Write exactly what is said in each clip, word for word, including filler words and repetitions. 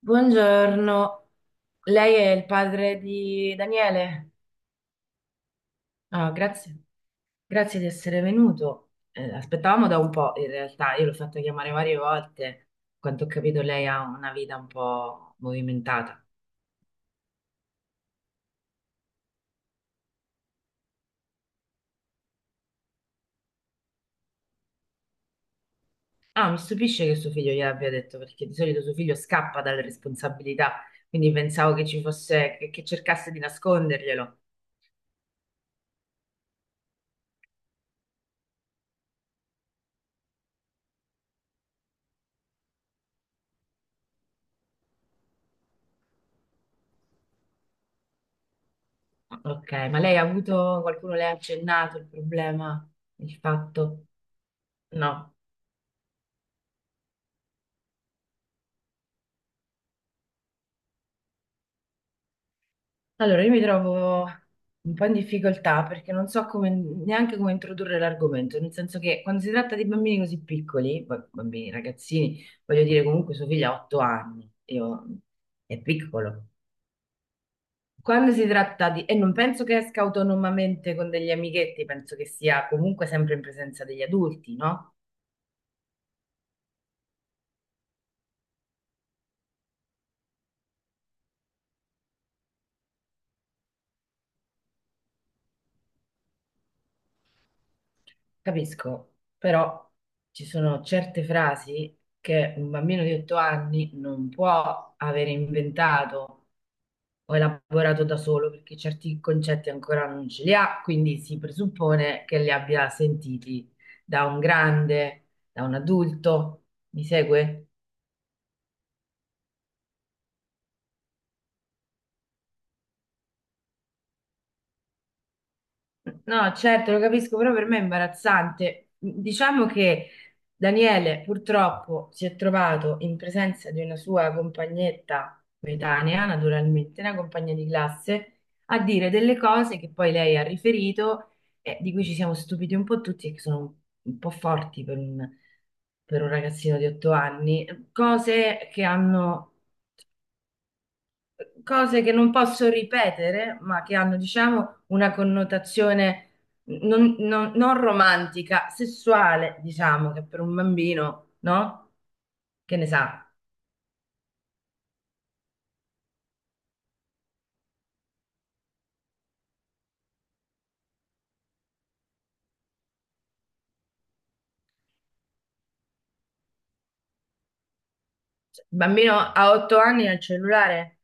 Buongiorno, lei è il padre di Daniele? Ah, grazie, grazie di essere venuto. Eh, aspettavamo da un po', in realtà, io l'ho fatto chiamare varie volte. Quanto ho capito, lei ha una vita un po' movimentata. Ah, mi stupisce che suo figlio gliel'abbia detto, perché di solito suo figlio scappa dalle responsabilità, quindi pensavo che ci fosse, che, che cercasse di nasconderglielo. Ok, ma lei ha avuto, qualcuno le ha accennato il problema, il fatto? No. Allora, io mi trovo un po' in difficoltà perché non so come- neanche come introdurre l'argomento, nel senso che quando si tratta di bambini così piccoli, b- bambini, ragazzini, voglio dire comunque suo figlio ha otto anni, io- è piccolo. Quando si tratta di... e non penso che esca autonomamente con degli amichetti, penso che sia comunque sempre in presenza degli adulti, no? Capisco, però ci sono certe frasi che un bambino di otto anni non può aver inventato ho elaborato da solo perché certi concetti ancora non ce li ha, quindi si presuppone che li abbia sentiti da un grande, da un adulto. Mi segue? No, certo, lo capisco, però per me è imbarazzante. Diciamo che Daniele purtroppo si è trovato in presenza di una sua compagnetta coetanea, naturalmente, una compagna di classe, a dire delle cose che poi lei ha riferito e di cui ci siamo stupiti un po' tutti e che sono un po' forti per un, per un ragazzino di otto anni, cose che hanno cose che non posso ripetere, ma che hanno, diciamo, una connotazione non, non- non romantica, sessuale, diciamo, che per un bambino, no? Che ne sa? Cioè, il bambino a otto anni ha il cellulare?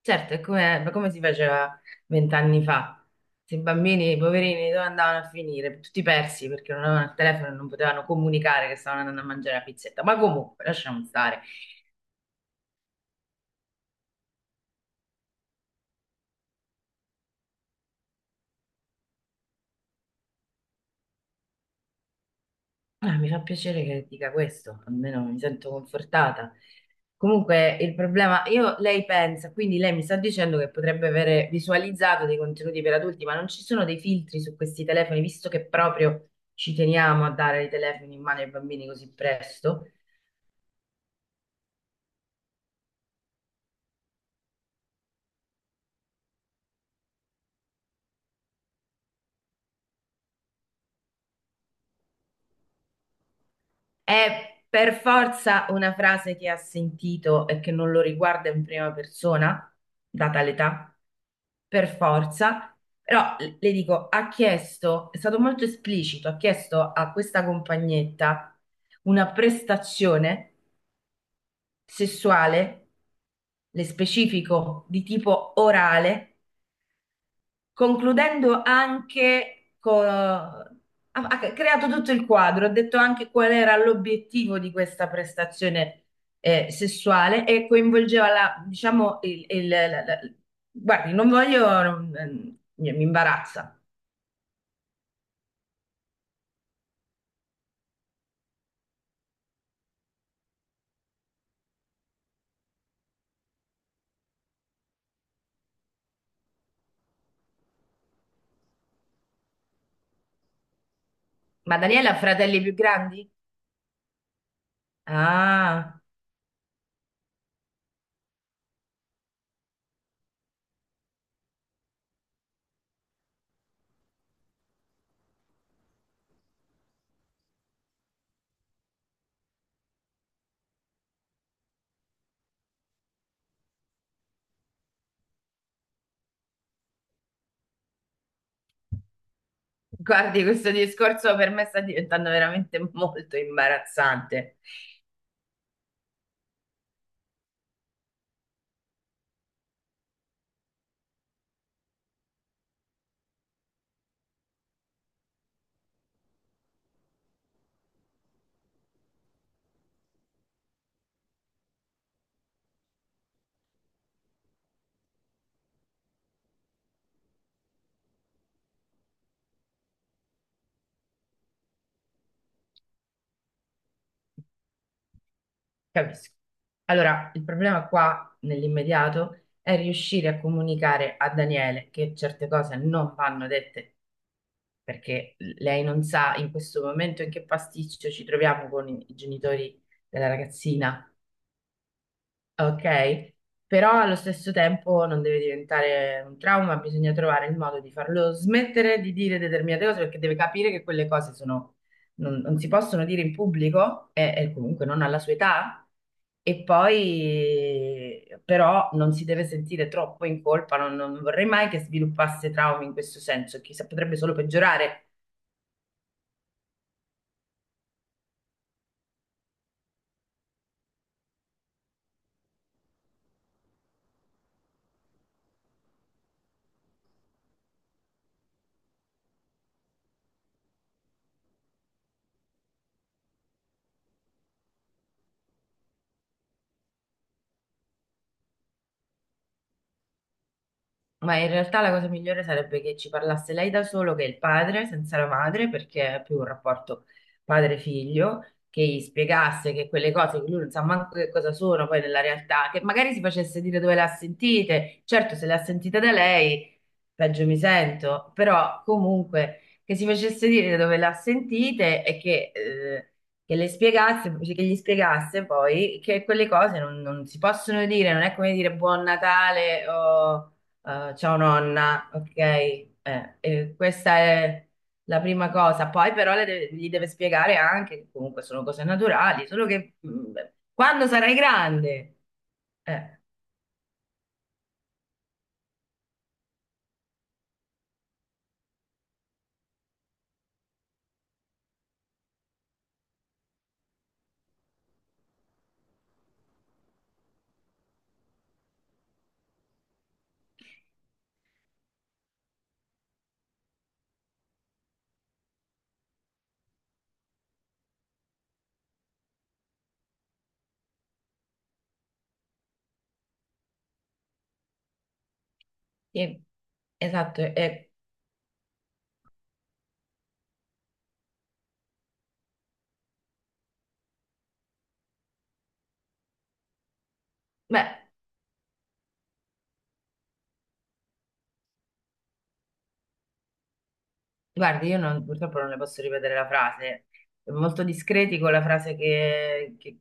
Certo, è come, ma come si faceva vent'anni fa? Se i bambini, i poverini, dove andavano a finire? Tutti persi perché non avevano il telefono e non potevano comunicare che stavano andando a mangiare la pizzetta. Ma comunque, lasciamo stare. Ah, mi fa piacere che dica questo, almeno mi sento confortata. Comunque il problema, io, lei pensa, quindi lei mi sta dicendo che potrebbe avere visualizzato dei contenuti per adulti, ma non ci sono dei filtri su questi telefoni, visto che proprio ci teniamo a dare i telefoni in mano ai bambini così presto. È per forza una frase che ha sentito e che non lo riguarda in prima persona, data l'età, per forza. Però le dico, ha chiesto, è stato molto esplicito, ha chiesto a questa compagnetta una prestazione sessuale, le specifico di tipo orale, concludendo anche con... Ha ha creato tutto il quadro, ha detto anche qual era l'obiettivo di questa prestazione eh, sessuale e coinvolgeva la, diciamo, il, il- la- la- guardi, non voglio, non- eh, mi mi imbarazza, ma Daniela ha fratelli più grandi? Ah, guardi, questo discorso per me sta diventando veramente molto imbarazzante. Capisco. Allora, il problema qua nell'immediato è riuscire a comunicare a Daniele che certe cose non vanno dette perché lei non sa in questo momento in che pasticcio ci troviamo con i genitori della ragazzina, ok? Però allo stesso tempo non deve diventare un trauma, bisogna trovare il modo di farlo smettere di dire determinate cose perché deve capire che quelle cose sono, non, non si possono dire in pubblico e, e comunque non alla sua età e poi però non si deve sentire troppo in colpa, non, non vorrei mai che sviluppasse traumi in questo senso, chissà, potrebbe solo peggiorare. Ma in realtà la cosa migliore sarebbe che ci parlasse lei da solo, che è il padre, senza la madre, perché è più un rapporto padre-figlio, che gli spiegasse che quelle cose che lui non sa manco che cosa sono poi nella realtà, che magari si facesse dire dove le ha sentite. Certo, se le ha sentite da lei, peggio mi sento, però comunque che si facesse dire dove le ha sentite e che, eh, che le spiegasse, che gli spiegasse poi che quelle cose non, non si possono dire, non è come dire buon Natale o eh, ciao nonna, ok, eh, eh, questa è la prima cosa. Poi però le deve- gli deve spiegare anche che comunque sono cose naturali, solo che mm, quando sarai grande. Eh, sì, esatto. E, beh, guardi, io non- purtroppo non le posso ripetere la frase, è molto discreti con la frase che, che-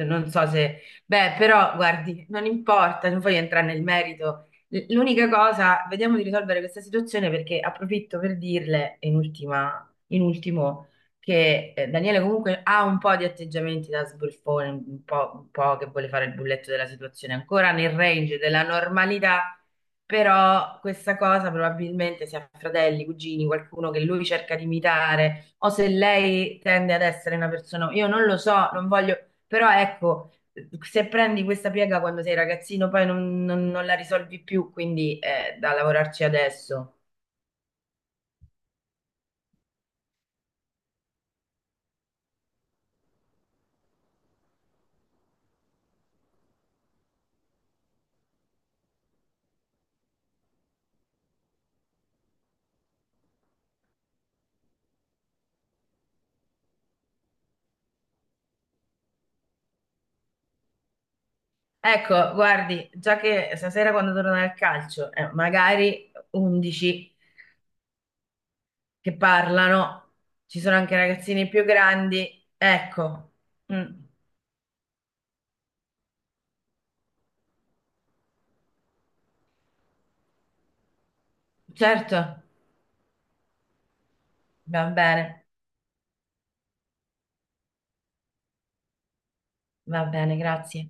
non so se... Beh, però, guardi, non importa, non voglio entrare nel merito. L- L'unica cosa, vediamo di risolvere questa situazione perché approfitto per dirle, in ultima, in ultimo, che eh, Daniele comunque ha un po' di atteggiamenti da sbruffone, un po', un po' che vuole fare il bulletto della situazione, ancora nel range della normalità, però questa cosa probabilmente sia fratelli, cugini, qualcuno che lui cerca di imitare, o se lei tende ad essere una persona, io non lo so, non voglio, però ecco, se prendi questa piega quando sei ragazzino, poi non, non- non la risolvi più, quindi è da lavorarci adesso. Ecco, guardi, già che stasera quando torna al calcio, eh, magari undici che parlano, ci sono anche ragazzini più grandi, ecco, mm, certo, va bene. Va bene, grazie.